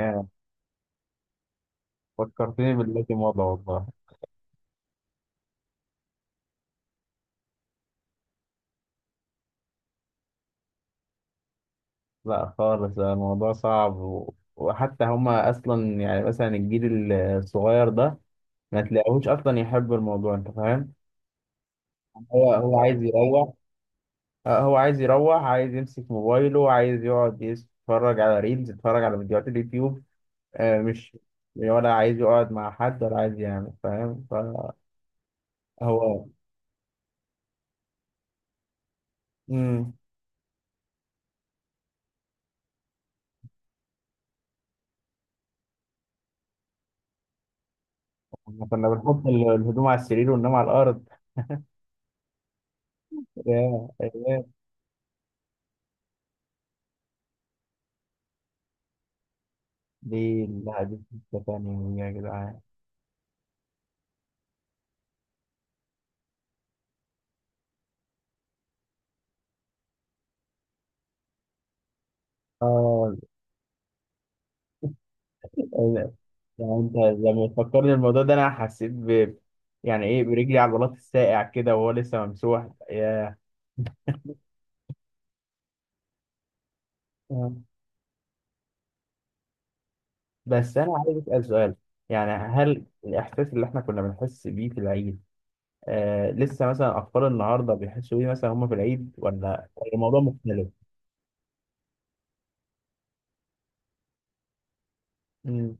آه، فكرتني بالذي مضى والله. لا خالص، آه، الموضوع صعب وحتى هما أصلا يعني مثلا الجيل الصغير ده ما تلاقيهوش أصلا يحب الموضوع، أنت فاهم؟ هو عايز يروح. آه، هو عايز يروح، عايز يمسك موبايله، عايز يقعد يتفرج على ريلز، يتفرج على فيديوهات اليوتيوب. آه، مش ولا عايز يقعد مع حد ولا عايز يعمل، فاهم؟ فهو مم. إحنا كنا بنحط الهدوم على السرير وننام على الأرض. ياه، ليه الحديث لسه تاني يا جدعان؟ اه، ال- يعني انت لما تفكرني الموضوع ده انا حسيت يعني ايه برجلي على عضلات الساقع كده وهو لسه ممسوح. يا بس انا عايز اسال سؤال، يعني هل الاحساس اللي احنا كنا بنحس بيه في العيد آه لسه مثلا اطفال النهارده بيحسوا بيه مثلا هم في العيد، ولا الموضوع مختلف؟ امم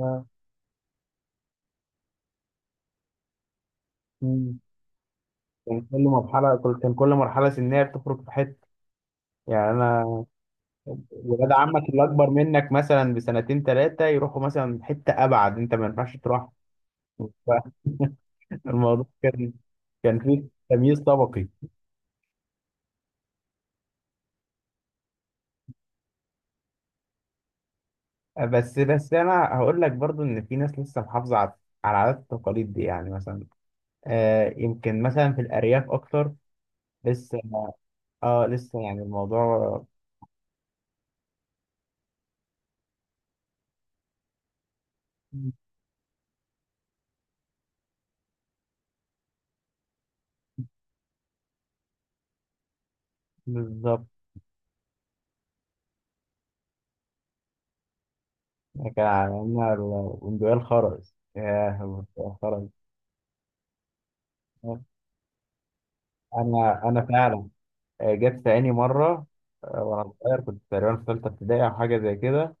آه. مم. كان كل مرحله كان كل مرحله سنيه بتخرج في حته، يعني انا، ولاد عمك اللي اكبر منك مثلا بسنتين ثلاثه يروحوا مثلا حته ابعد، انت ما ينفعش تروح. فالموضوع كان، كان فيه تمييز طبقي. بس انا هقول لك برضو ان في ناس لسه محافظه على على العادات والتقاليد دي، يعني مثلا آه يمكن مثلا في الارياف اكتر لسه. اه لسه يعني الموضوع بالظبط. كان عندنا البندقية الخرز. ياه البندقية الخرز. انا فعلا. آه، جت في عيني مرة. آه، وأنا صغير كنت تقريبا في تالتة ابتدائي أو حاجة زي كده.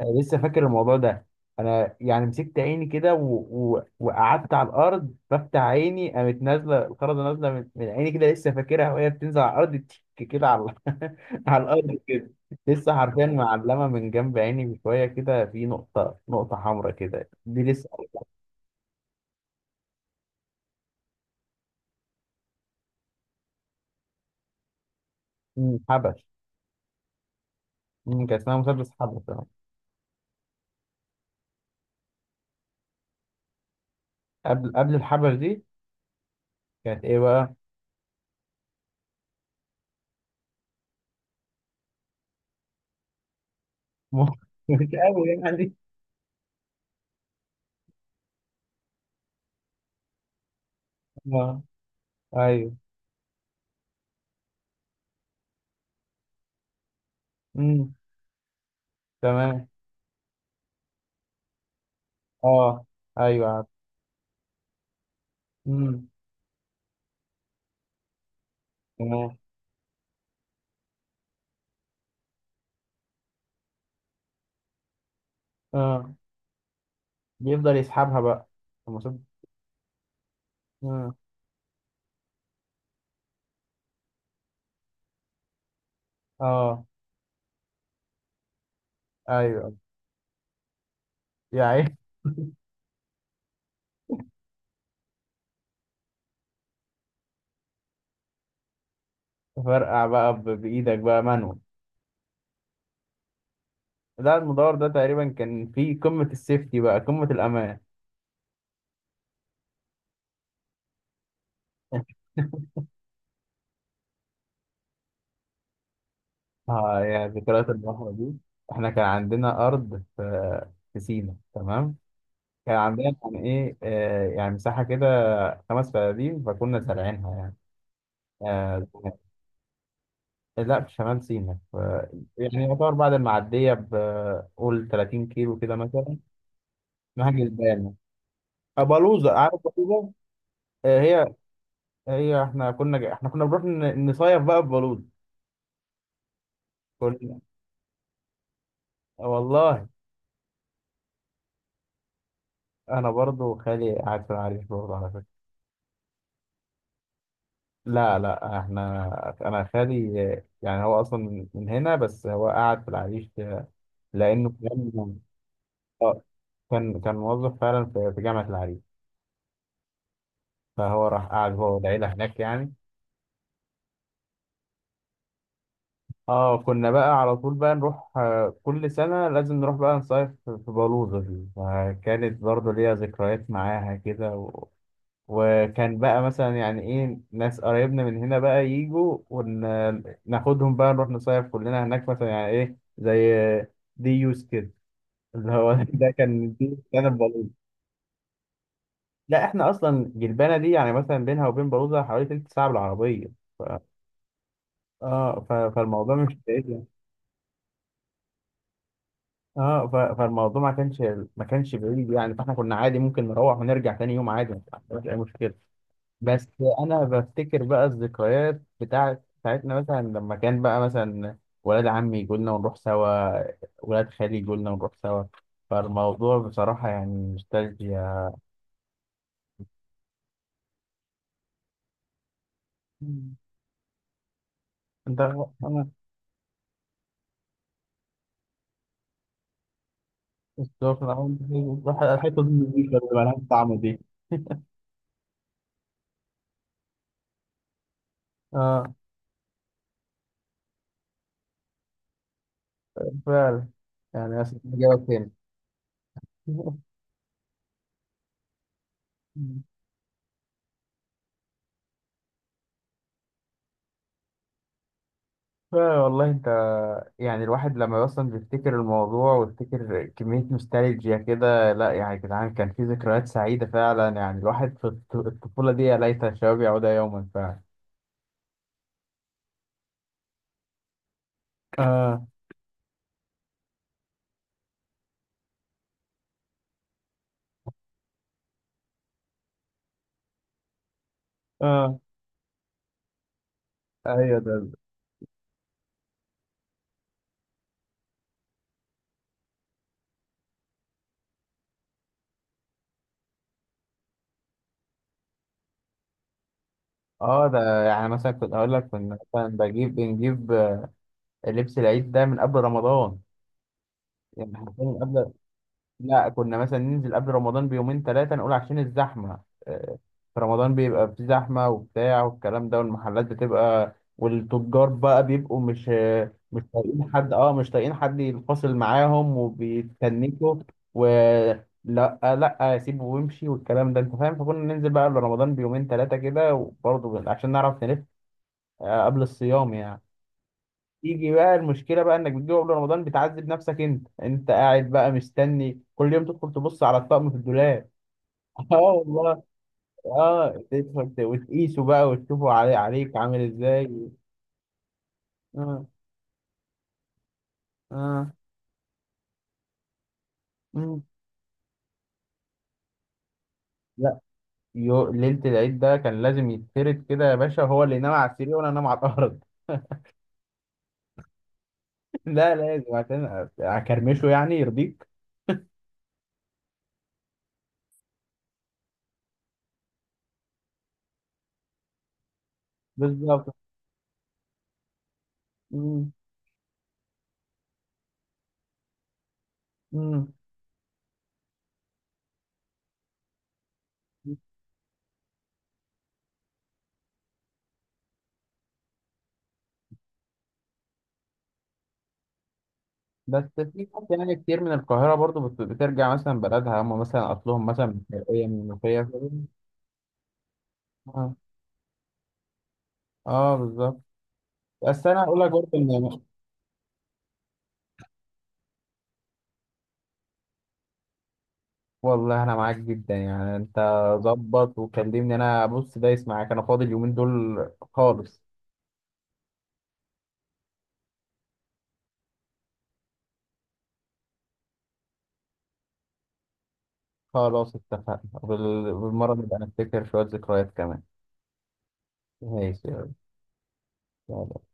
آه، لسه فاكر الموضوع ده. أنا يعني مسكت عيني كده وقعدت على الأرض بفتح عيني قامت نازلة الخرزة نازلة من عيني كده لسه فاكرها وهي بتنزل على الأرض، تك كده على على الأرض كده. لسه حرفيا معلمة من جنب عيني بشوية كده في نقطة، نقطة حمراء كده دي لسه. مم، حبش. مم، كان اسمها مسدس حبش، آه. قبل الحبش دي كانت إيه بقى؟ مش قوي يعني. اه، ايوه، امم تمام. اه، ايوه عارف. امم تمام. اه بيفضل يسحبها بقى، المفروض. اه اه، ايوه، يعني. فرقع بقى بايدك بقى مانوال. ده المدور ده تقريبا كان في قمة السيفتي بقى، قمة الأمان. اه، يا ذكريات البحر دي. احنا كان عندنا أرض في في سينا، تمام. كان عندنا يعني ايه آه يعني مساحة كده 5 فدادين فكنا زارعينها يعني. آه، لا في شمال سيناء، يعني يعتبر بعد المعدية بقول 30 كيلو كده مثلا. نهج البيانة. بلوزة، عارف بلوزة. آه، هي. هي احنا كنا احنا كنا بنروح نصيف بقى في بلوزة. كنا. والله. انا برضو خالي قاعد في العريش برضو على فكرة. لا لا احنا انا خالي، آه، يعني هو اصلا من هنا بس هو قاعد في العريش، آه، لانه كان، آه، كان كان موظف فعلا في جامعة العريش. فهو راح قاعد هو والعيلة هناك يعني. اه كنا بقى على طول بقى نروح، آه، كل سنة لازم نروح بقى نصيف في بلوزة دي، فكانت برضه ليها ذكريات معاها كده وكان بقى مثلا يعني ايه ناس قرايبنا من هنا بقى يجوا وناخدهم بقى نروح نصيف كلنا هناك مثلا يعني ايه زي دي يوز كده اللي هو ده كان دي كان بلوزة. لا احنا اصلا جلبانة دي يعني مثلا بينها وبين بلوزة حوالي تلت ساعة بالعربية، ف... اه فالموضوع مش بعيد. اه فالموضوع ما كانش بعيد يعني، فاحنا كنا عادي ممكن نروح ونرجع تاني يوم عادي، ما فيش اي مشكله. بس انا بفتكر بقى الذكريات بتاعتنا مثلا لما كان بقى مثلا ولاد عمي يجوا لنا ونروح سوا، ولاد خالي يجوا لنا ونروح سوا. فالموضوع بصراحه يعني نوستالجيا. مم. انت، انا. بالظبط، أنا عاوز- روح الحته دي نضيفة اللي مالهاش طعم دي. اه فعلا، يعني أصل إجابة تاني. والله انت، يعني الواحد لما اصلا بيفتكر الموضوع ويفتكر كمية نوستالجيا كده، لا يعني يا جدعان كان في ذكريات سعيدة فعلا، يعني الواحد في الطفولة دي، يا ليت الشباب يعود يوما فعلا. اه اه، ايوه ده. اه، ده يعني مثلا كنت هقول لك كنا مثلا بنجيب، آه، لبس العيد ده من قبل رمضان. يعني حرفيا من قبل. لا كنا مثلا ننزل قبل رمضان بيومين ثلاثة نقول عشان الزحمة. آه، في رمضان بيبقى في زحمة وبتاع والكلام ده، والمحلات بتبقى والتجار بقى بيبقوا مش، آه، مش طايقين حد. اه مش طايقين حد ينفصل معاهم وبيتنكوا. ولا لا لا سيبه وامشي والكلام ده، انت فاهم. فكنا ننزل بقى قبل رمضان بيومين ثلاثة كده، وبرضه عشان نعرف نلف. آه، قبل الصيام يعني. يجي بقى المشكله بقى انك بتجيبه قبل رمضان بتعذب نفسك، انت قاعد بقى مستني كل يوم تدخل تبص على الطقم في الدولاب. اه والله. اه تدخل وتقيسه بقى وتشوفه علي عليك عامل ازاي. اه اه. مم. لا يو ليله العيد ده كان لازم يتفرد كده يا باشا، هو اللي ينام على السرير وانا انام على الارض. لا لازم عشان اكرمشه، يعني يرضيك. بالظبط. مم. مم. بس في ناس يعني كتير من القاهرة برضو بترجع مثلا بلدها، هم مثلا أصلهم مثلا من الشرقية من المنوفية. اه اه، بالظبط. بس أنا هقول لك برضو إن والله أنا معاك جدا، يعني أنت ظبط وكلمني أنا بص دايس معاك، أنا فاضي اليومين دول خالص. خلاص اتفقنا، وبال- بالمرة نبقى نفتكر شوية ذكريات كمان. ماشي. يلا.